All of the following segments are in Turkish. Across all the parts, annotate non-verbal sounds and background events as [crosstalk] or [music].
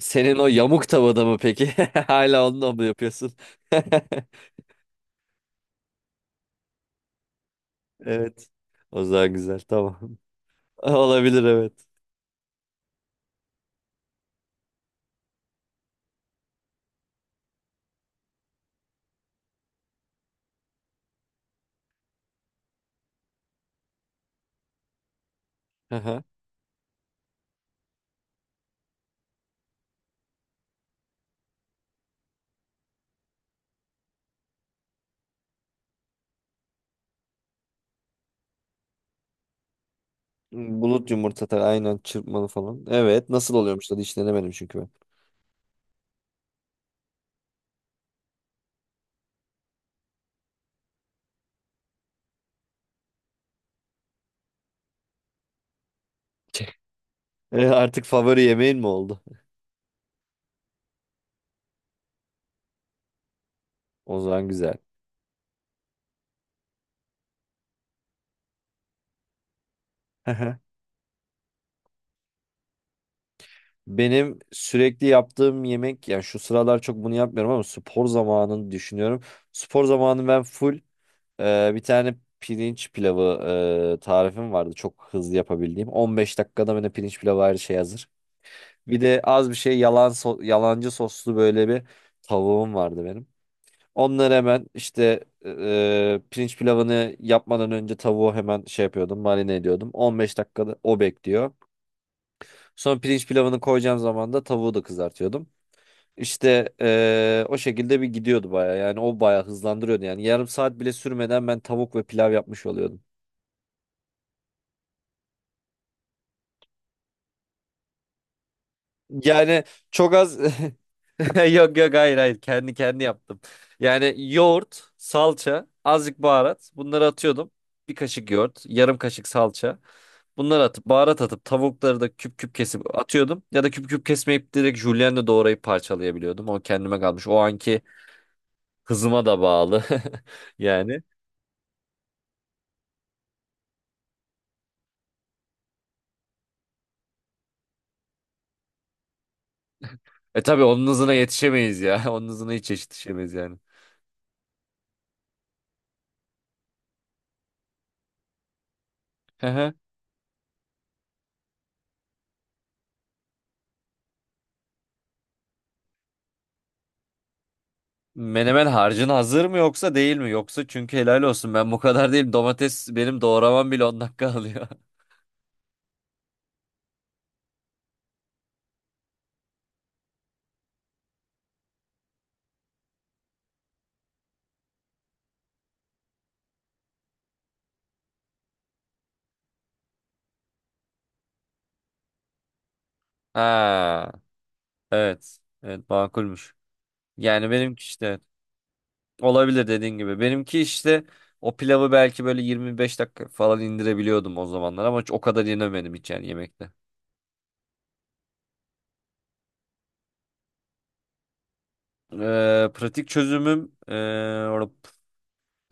Senin o yamuk tavada mı peki? [laughs] Hala onunla mı yapıyorsun? [laughs] Evet. O zaman güzel, tamam. [laughs] Olabilir, evet. Aha. Bulut yumurta tabii, aynen çırpmalı falan. Evet, nasıl oluyormuş da hiç denemedim çünkü ben. [laughs] Artık favori yemeğin mi oldu? O zaman güzel. Aha. Benim sürekli yaptığım yemek, yani şu sıralar çok bunu yapmıyorum ama spor zamanını düşünüyorum. Spor zamanı ben full, bir tane pirinç pilavı tarifim vardı. Çok hızlı yapabildiğim. 15 dakikada böyle pirinç pilavı, her şey hazır. Bir de az bir şey yalancı soslu böyle bir tavuğum vardı benim. Onları hemen işte pirinç pilavını yapmadan önce tavuğu hemen şey yapıyordum, marine ediyordum. 15 dakikada o bekliyor. Sonra pirinç pilavını koyacağım zaman da tavuğu da kızartıyordum. İşte o şekilde bir gidiyordu baya, yani o baya hızlandırıyordu, yani yarım saat bile sürmeden ben tavuk ve pilav yapmış oluyordum. Yani çok az. [laughs] Yok yok, hayır hayır, kendi yaptım. Yani yoğurt, salça, azıcık baharat, bunları atıyordum. Bir kaşık yoğurt, yarım kaşık salça. Bunları atıp baharat atıp tavukları da küp küp kesip atıyordum. Ya da küp küp kesmeyip direkt julienne doğrayıp parçalayabiliyordum. O kendime kalmış. O anki hızıma da bağlı. [laughs] Yani. E tabii onun hızına yetişemeyiz ya. [laughs] Onun hızına hiç yetişemeyiz yani. [laughs] Menemen harcın hazır mı yoksa değil mi? Yoksa çünkü helal olsun, ben bu kadar değilim. Domates benim doğramam bile 10 dakika alıyor. [laughs] Ha, evet. Evet, makulmüş. Yani benimki işte, evet. Olabilir, dediğin gibi. Benimki işte o pilavı belki böyle 25 dakika falan indirebiliyordum o zamanlar ama hiç o kadar yenemedim, hiç yani yemekte. Pratik çözümüm,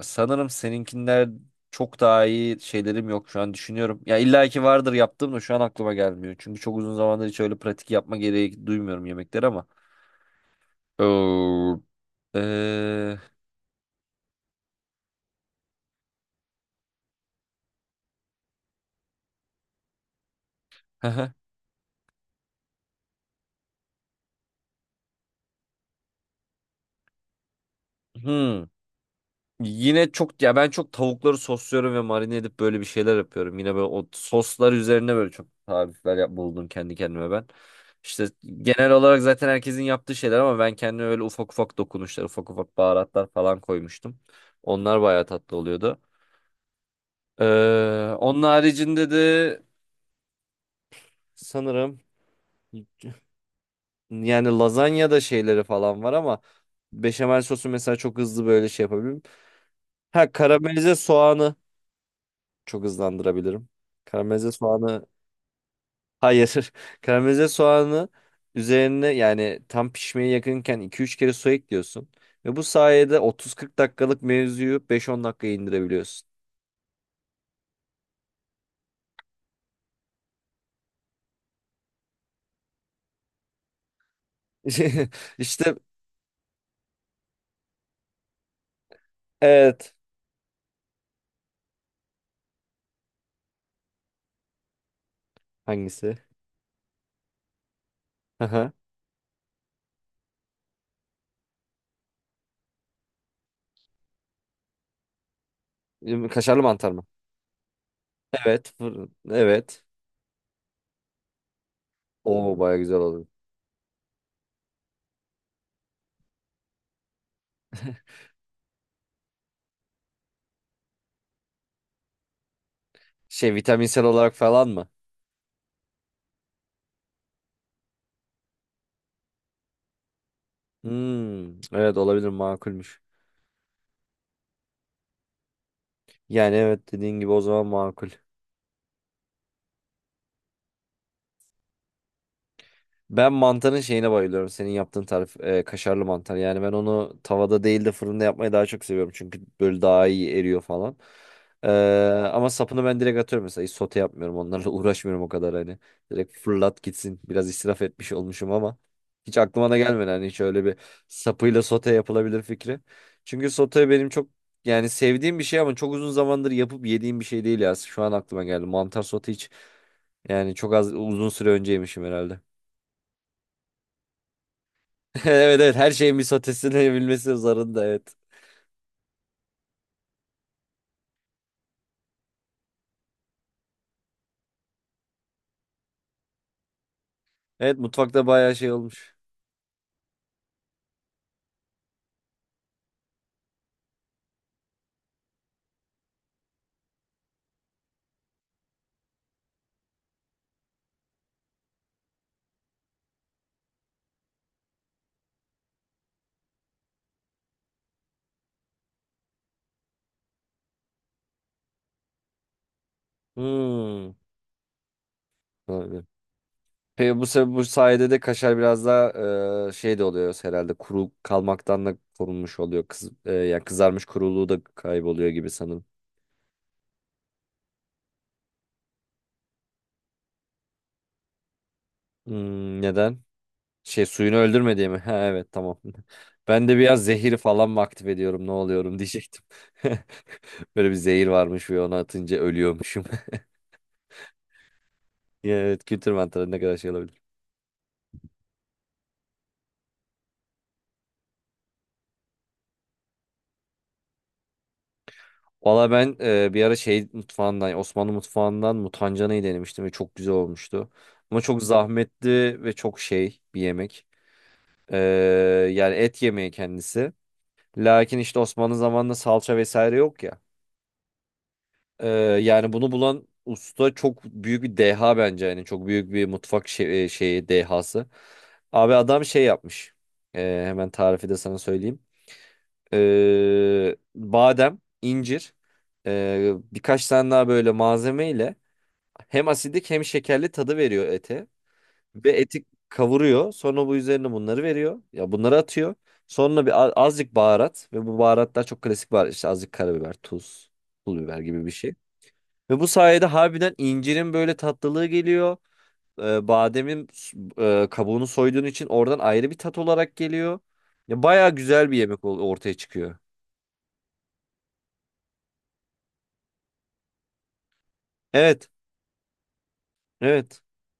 sanırım seninkinden çok daha iyi şeylerim yok şu an, düşünüyorum. Ya illa ki vardır yaptığım da şu an aklıma gelmiyor. Çünkü çok uzun zamandır hiç öyle pratik yapma gereği duymuyorum yemekleri ama. Oo. Ee, [laughs] hmm. Yine çok, ya ben çok tavukları sosluyorum ve marine edip böyle bir şeyler yapıyorum. Yine böyle o soslar üzerine böyle çok tarifler buldum kendi kendime ben. İşte genel olarak zaten herkesin yaptığı şeyler ama ben kendime öyle ufak ufak dokunuşlar, ufak ufak baharatlar falan koymuştum. Onlar bayağı tatlı oluyordu. Onun haricinde de sanırım, yani lazanya da şeyleri falan var ama beşamel sosu mesela çok hızlı böyle şey yapabilirim. Ha, karamelize soğanı çok hızlandırabilirim. Karamelize soğanı, hayır. [laughs] Karamelize soğanı üzerine, yani tam pişmeye yakınken iki üç kere su ekliyorsun. Ve bu sayede 30-40 dakikalık mevzuyu 5-10 dakikaya indirebiliyorsun. [laughs] İşte, evet. Hangisi? Aha. Kaşarlı mantar mı? Evet. Fırın. Evet. O baya güzel olur. Şey, vitaminsel olarak falan mı? Hmm, evet, olabilir, makulmüş. Yani evet, dediğin gibi o zaman makul. Ben mantarın şeyine bayılıyorum. Senin yaptığın tarif, kaşarlı mantar. Yani ben onu tavada değil de fırında yapmayı daha çok seviyorum. Çünkü böyle daha iyi eriyor falan. Ee, ama sapını ben direkt atıyorum mesela. Hiç sote yapmıyorum. Onlarla [laughs] uğraşmıyorum o kadar hani. Direkt fırlat gitsin. Biraz israf etmiş olmuşum ama hiç aklıma da gelmedi. Hani hiç öyle bir sapıyla sote yapılabilir fikri. Çünkü sote benim çok, yani sevdiğim bir şey ama çok uzun zamandır yapıp yediğim bir şey değil ya. Şu an aklıma geldi. Mantar sote hiç, yani çok az, uzun süre önce yemişim herhalde. [laughs] Evet, evet, her şeyin bir sotesini zarında, evet. Evet, mutfakta bayağı şey olmuş. Hmm. Olabilir. Peki bu, bu sayede de kaşar biraz daha şey de oluyor herhalde, kuru kalmaktan da korunmuş oluyor. Yani kızarmış kuruluğu da kayboluyor gibi sanırım. Hmm, neden? Şey, suyunu öldürme diye mi? [laughs] Ha, evet, tamam. [laughs] Ben de biraz zehir falan mı aktif ediyorum, ne oluyorum diyecektim. [laughs] Böyle bir zehir varmış ve onu atınca ölüyormuşum. [laughs] Ya, evet, kültür mantarı ne kadar şey olabilir. Valla ben bir ara şey mutfağından, Osmanlı mutfağından mutancanayı denemiştim ve çok güzel olmuştu. Ama çok zahmetli ve çok şey bir yemek. E, yani et yemeği kendisi. Lakin işte Osmanlı zamanında salça vesaire yok ya. E, yani bunu bulan usta çok büyük bir deha bence. Yani çok büyük bir mutfak şey, şeyi, dehası. Abi adam şey yapmış. Hemen tarifi de sana söyleyeyim. Badem, incir, birkaç tane daha böyle malzemeyle hem asidik hem şekerli tadı veriyor ete. Ve eti kavuruyor. Sonra bu üzerine bunları veriyor. Ya bunları atıyor. Sonra bir azıcık baharat ve bu baharatlar çok klasik baharat. İşte azıcık karabiber, tuz, pul biber gibi bir şey. Ve bu sayede harbiden incirin böyle tatlılığı geliyor. Bademin kabuğunu soyduğun için oradan ayrı bir tat olarak geliyor. Ya bayağı güzel bir yemek ortaya çıkıyor. Evet. Evet. [laughs]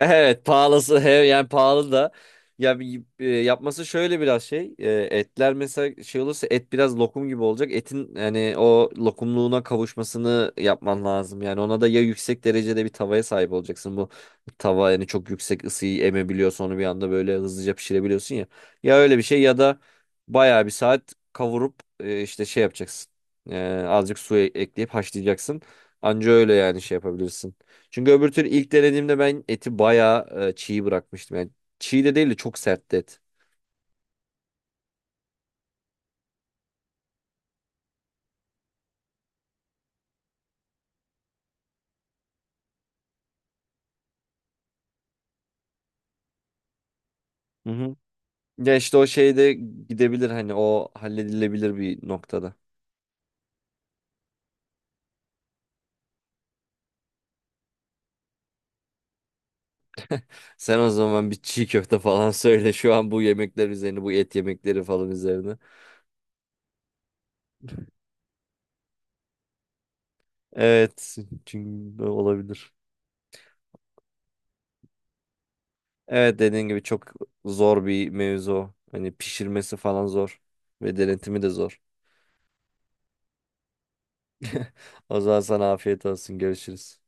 Evet, pahalısı, he, yani pahalı da, ya yapması şöyle biraz şey, etler mesela şey olursa, et biraz lokum gibi olacak, etin yani o lokumluğuna kavuşmasını yapman lazım. Yani ona da ya yüksek derecede bir tavaya sahip olacaksın, bu tava yani çok yüksek ısıyı emebiliyor, sonra bir anda böyle hızlıca pişirebiliyorsun ya. Ya öyle bir şey ya da bayağı bir saat kavurup işte şey yapacaksın. Azıcık su ekleyip haşlayacaksın, anca öyle yani şey yapabilirsin. Çünkü öbür türlü ilk denediğimde ben eti bayağı çiğ bırakmıştım. Yani çiğ de değil de çok sertti et. Hı hı. Ya işte o şey de gidebilir, hani o halledilebilir bir noktada. Sen o zaman bir çiğ köfte falan [laughs] söyle şu an, bu yemekler üzerine, bu et yemekleri falan üzerine. Evet, çünkü olabilir. Evet, dediğin gibi çok zor bir mevzu. Hani pişirmesi falan zor ve denetimi de zor. O zaman sana afiyet olsun, görüşürüz.